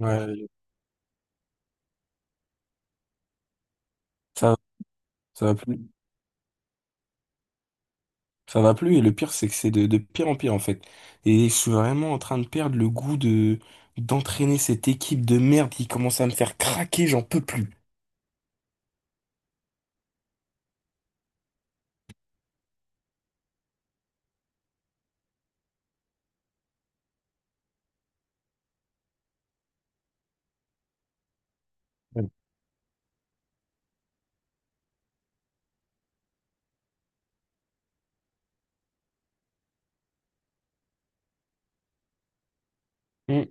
Ouais, ça, ça va plus, ça va plus, et le pire, c'est que c'est de pire en pire, en fait. Et je suis vraiment en train de perdre le goût d'entraîner cette équipe de merde qui commence à me faire craquer, j'en peux plus. Ouais. Mm.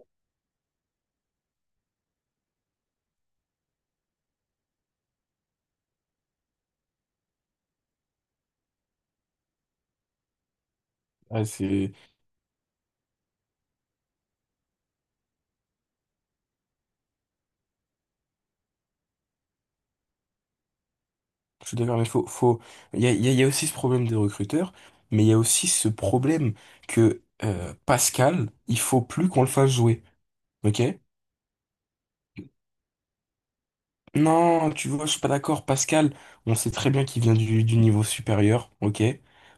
Ouais, c'est, je suis d'accord, mais faut, il y a aussi ce problème des recruteurs, mais il y a aussi ce problème que, Pascal, il faut plus qu'on le fasse jouer. Ok? Non, tu vois, je suis pas d'accord, Pascal. On sait très bien qu'il vient du niveau supérieur, ok?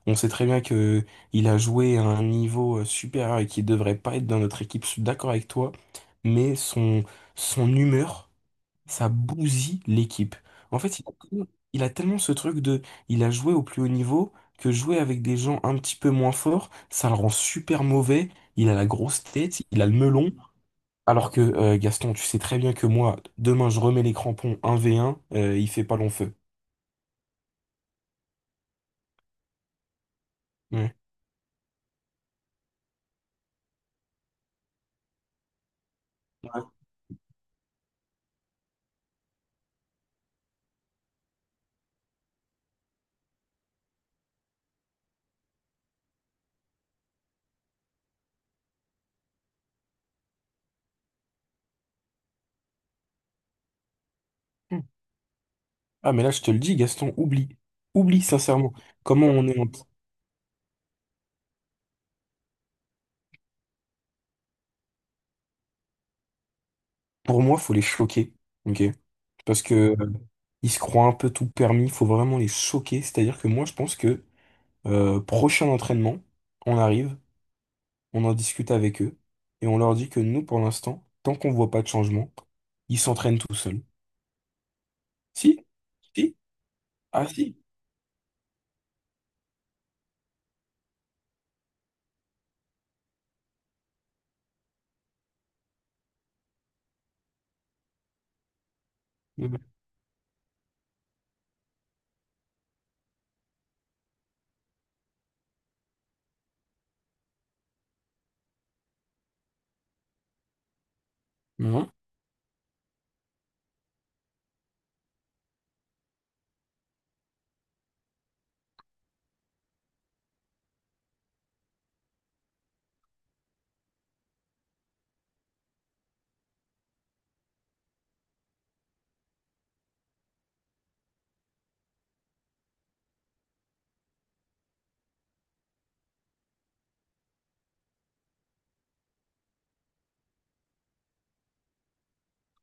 On sait très bien que il a joué à un niveau supérieur et qu'il devrait pas être dans notre équipe. Je suis d'accord avec toi, mais son humeur, ça bousille l'équipe. En fait, il a, tellement Il a tellement ce truc il a joué au plus haut niveau, que jouer avec des gens un petit peu moins forts, ça le rend super mauvais. Il a la grosse tête, il a le melon. Alors que Gaston, tu sais très bien que moi, demain je remets les crampons 1 v 1. Il fait pas long feu. Ouais. Ouais. Ah mais là je te le dis, Gaston, oublie. Oublie sincèrement. Comment on est en... Pour moi, faut les choquer. Ok? Parce que euh, ils se croient un peu tout permis, faut vraiment les choquer. C'est-à-dire que moi je pense que prochain entraînement, on arrive, on en discute avec eux, et on leur dit que nous, pour l'instant, tant qu'on voit pas de changement, ils s'entraînent tout seuls. Si? Si? Ah si? Mhm. Mhm.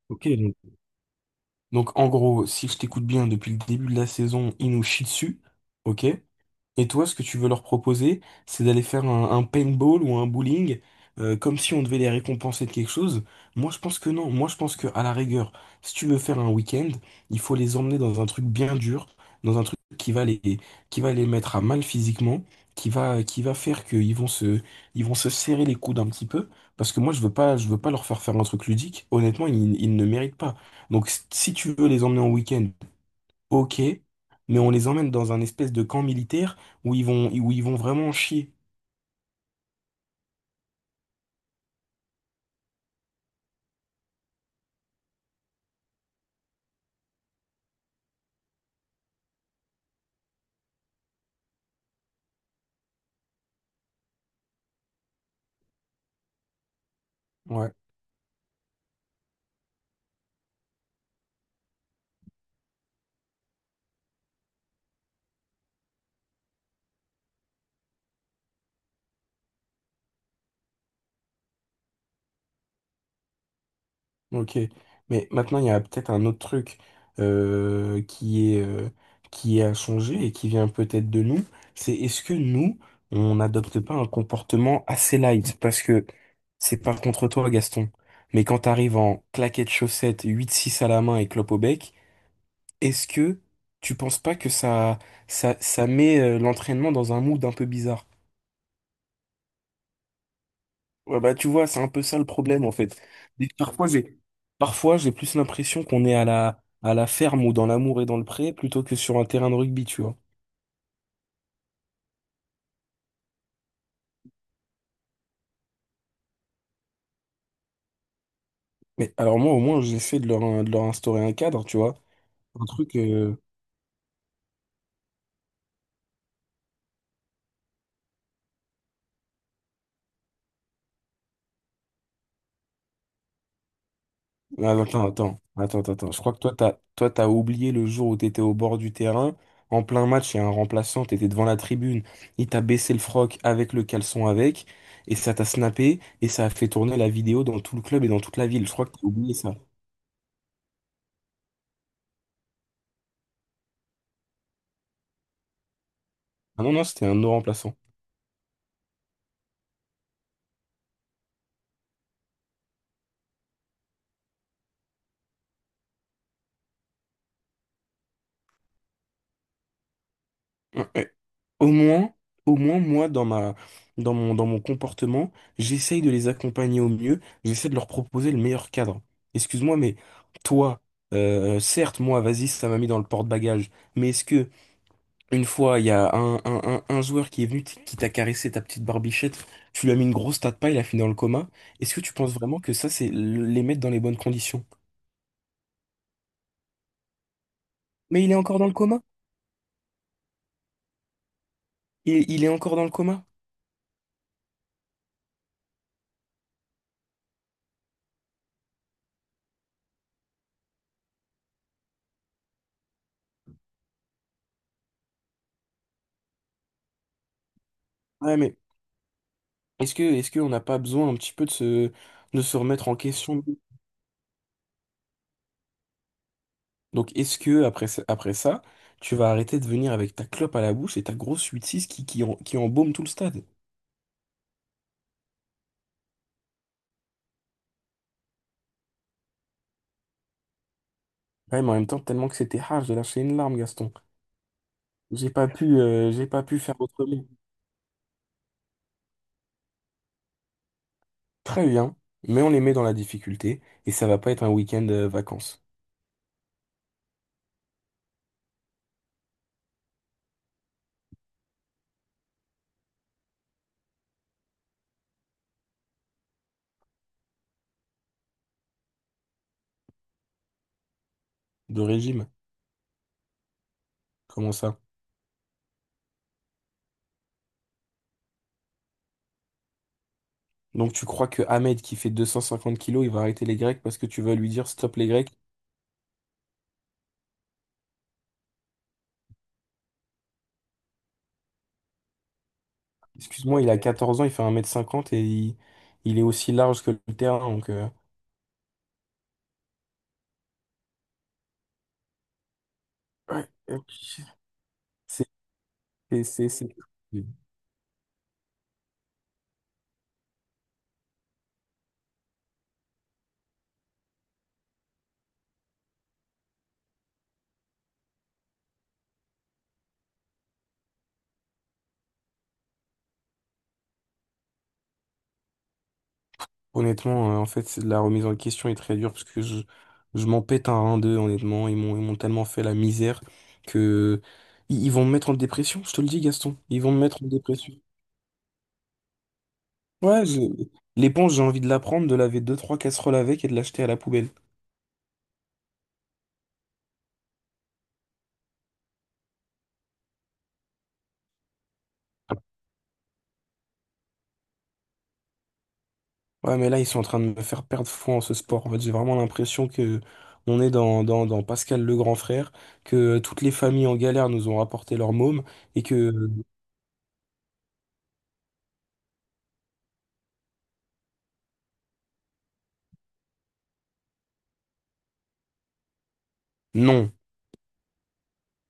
Ok. Donc en gros, si je t'écoute bien, depuis le début de la saison, il nous chie dessus, ok? Et toi, ce que tu veux leur proposer, c'est d'aller faire un paintball ou un bowling, comme si on devait les récompenser de quelque chose. Moi, je pense que non. Moi, je pense que, à la rigueur, si tu veux faire un week-end, il faut les emmener dans un truc bien dur, dans un truc qui va qui va les mettre à mal physiquement, qui va faire ils vont se serrer les coudes un petit peu. Parce que moi, je veux pas leur faire faire un truc ludique. Honnêtement, ils ne méritent pas. Donc, si tu veux les emmener en week-end, ok, mais on les emmène dans un espèce de camp militaire où ils vont vraiment chier. Ouais, ok. Mais maintenant, il y a peut-être un autre truc euh, qui est, euh, qui a changé et qui vient peut-être de nous. C'est est-ce que nous, on n'adopte pas un comportement assez light? Parce que c'est pas contre toi, Gaston. Mais quand t'arrives en claquettes chaussettes, 8-6 à la main et clope au bec, est-ce que tu penses pas que ça met l'entraînement dans un mood un peu bizarre? Ouais, bah, tu vois, c'est un peu ça le problème, en fait. Et parfois, j'ai plus l'impression qu'on est à à la ferme ou dans l'amour et dans le pré plutôt que sur un terrain de rugby, tu vois. Mais alors, moi, au moins, j'essaie de de leur instaurer un cadre, tu vois. Un truc, euh... ah, attends, attends, attends, attends, attends. Je crois que toi, t'as oublié le jour où t'étais au bord du terrain. En plein match, il y a un remplaçant, t'étais devant la tribune. Il t'a baissé le froc, avec le caleçon avec. Et ça t'a snappé. Et ça a fait tourner la vidéo dans tout le club et dans toute la ville. Je crois que t'as oublié ça. Ah non, non, c'était un no remplaçant. Ouais, ouais. Au moins, Au moins, moi, dans dans mon comportement, j'essaye de les accompagner au mieux, j'essaie de leur proposer le meilleur cadre. Excuse-moi, mais toi, certes, moi, vas-y, ça m'a mis dans le porte-bagages, mais une fois, il y a un joueur qui est venu, qui t'a caressé ta petite barbichette, tu lui as mis une grosse tas de paille, il a fini dans le coma, est-ce que tu penses vraiment que ça, c'est les mettre dans les bonnes conditions? Mais il est encore dans le coma? Il est encore dans le coma? Ouais, mais est-ce que, est-ce qu'on n'a pas besoin un petit peu de de se remettre en question? Donc, est-ce que après, après ça, tu vas arrêter de venir avec ta clope à la bouche et ta grosse 8-6 qui embaume tout le stade? Ouais, mais en même temps, tellement que c'était hard, j'ai lâché une larme, Gaston. J'ai pas pu faire autrement. Très bien, mais on les met dans la difficulté et ça va pas être un week-end vacances de régime. Comment ça? Donc, tu crois que Ahmed qui fait 250 kilos, il va arrêter les Grecs parce que tu vas lui dire stop les Grecs? Excuse-moi, il a 14 ans, il fait 1 mètre 50 et il est aussi large que le terrain. Donc, ouais, euh, c'est, c'est, c'est- c'est- honnêtement, la remise en question est très dure parce que je m'en pète un 1 d'eux, honnêtement. Ils m'ont tellement fait la misère que ils vont me mettre en dépression, je te le dis, Gaston. Ils vont me mettre en dépression. Ouais, je- L'éponge, j'ai envie de la prendre, de laver 2 3 casseroles avec et de l'acheter à la poubelle. Ouais, mais là, ils sont en train de me faire perdre foi en ce sport. En fait, j'ai vraiment l'impression que on est dans, dans Pascal le grand frère, que toutes les familles en galère nous ont rapporté leur môme, et que non.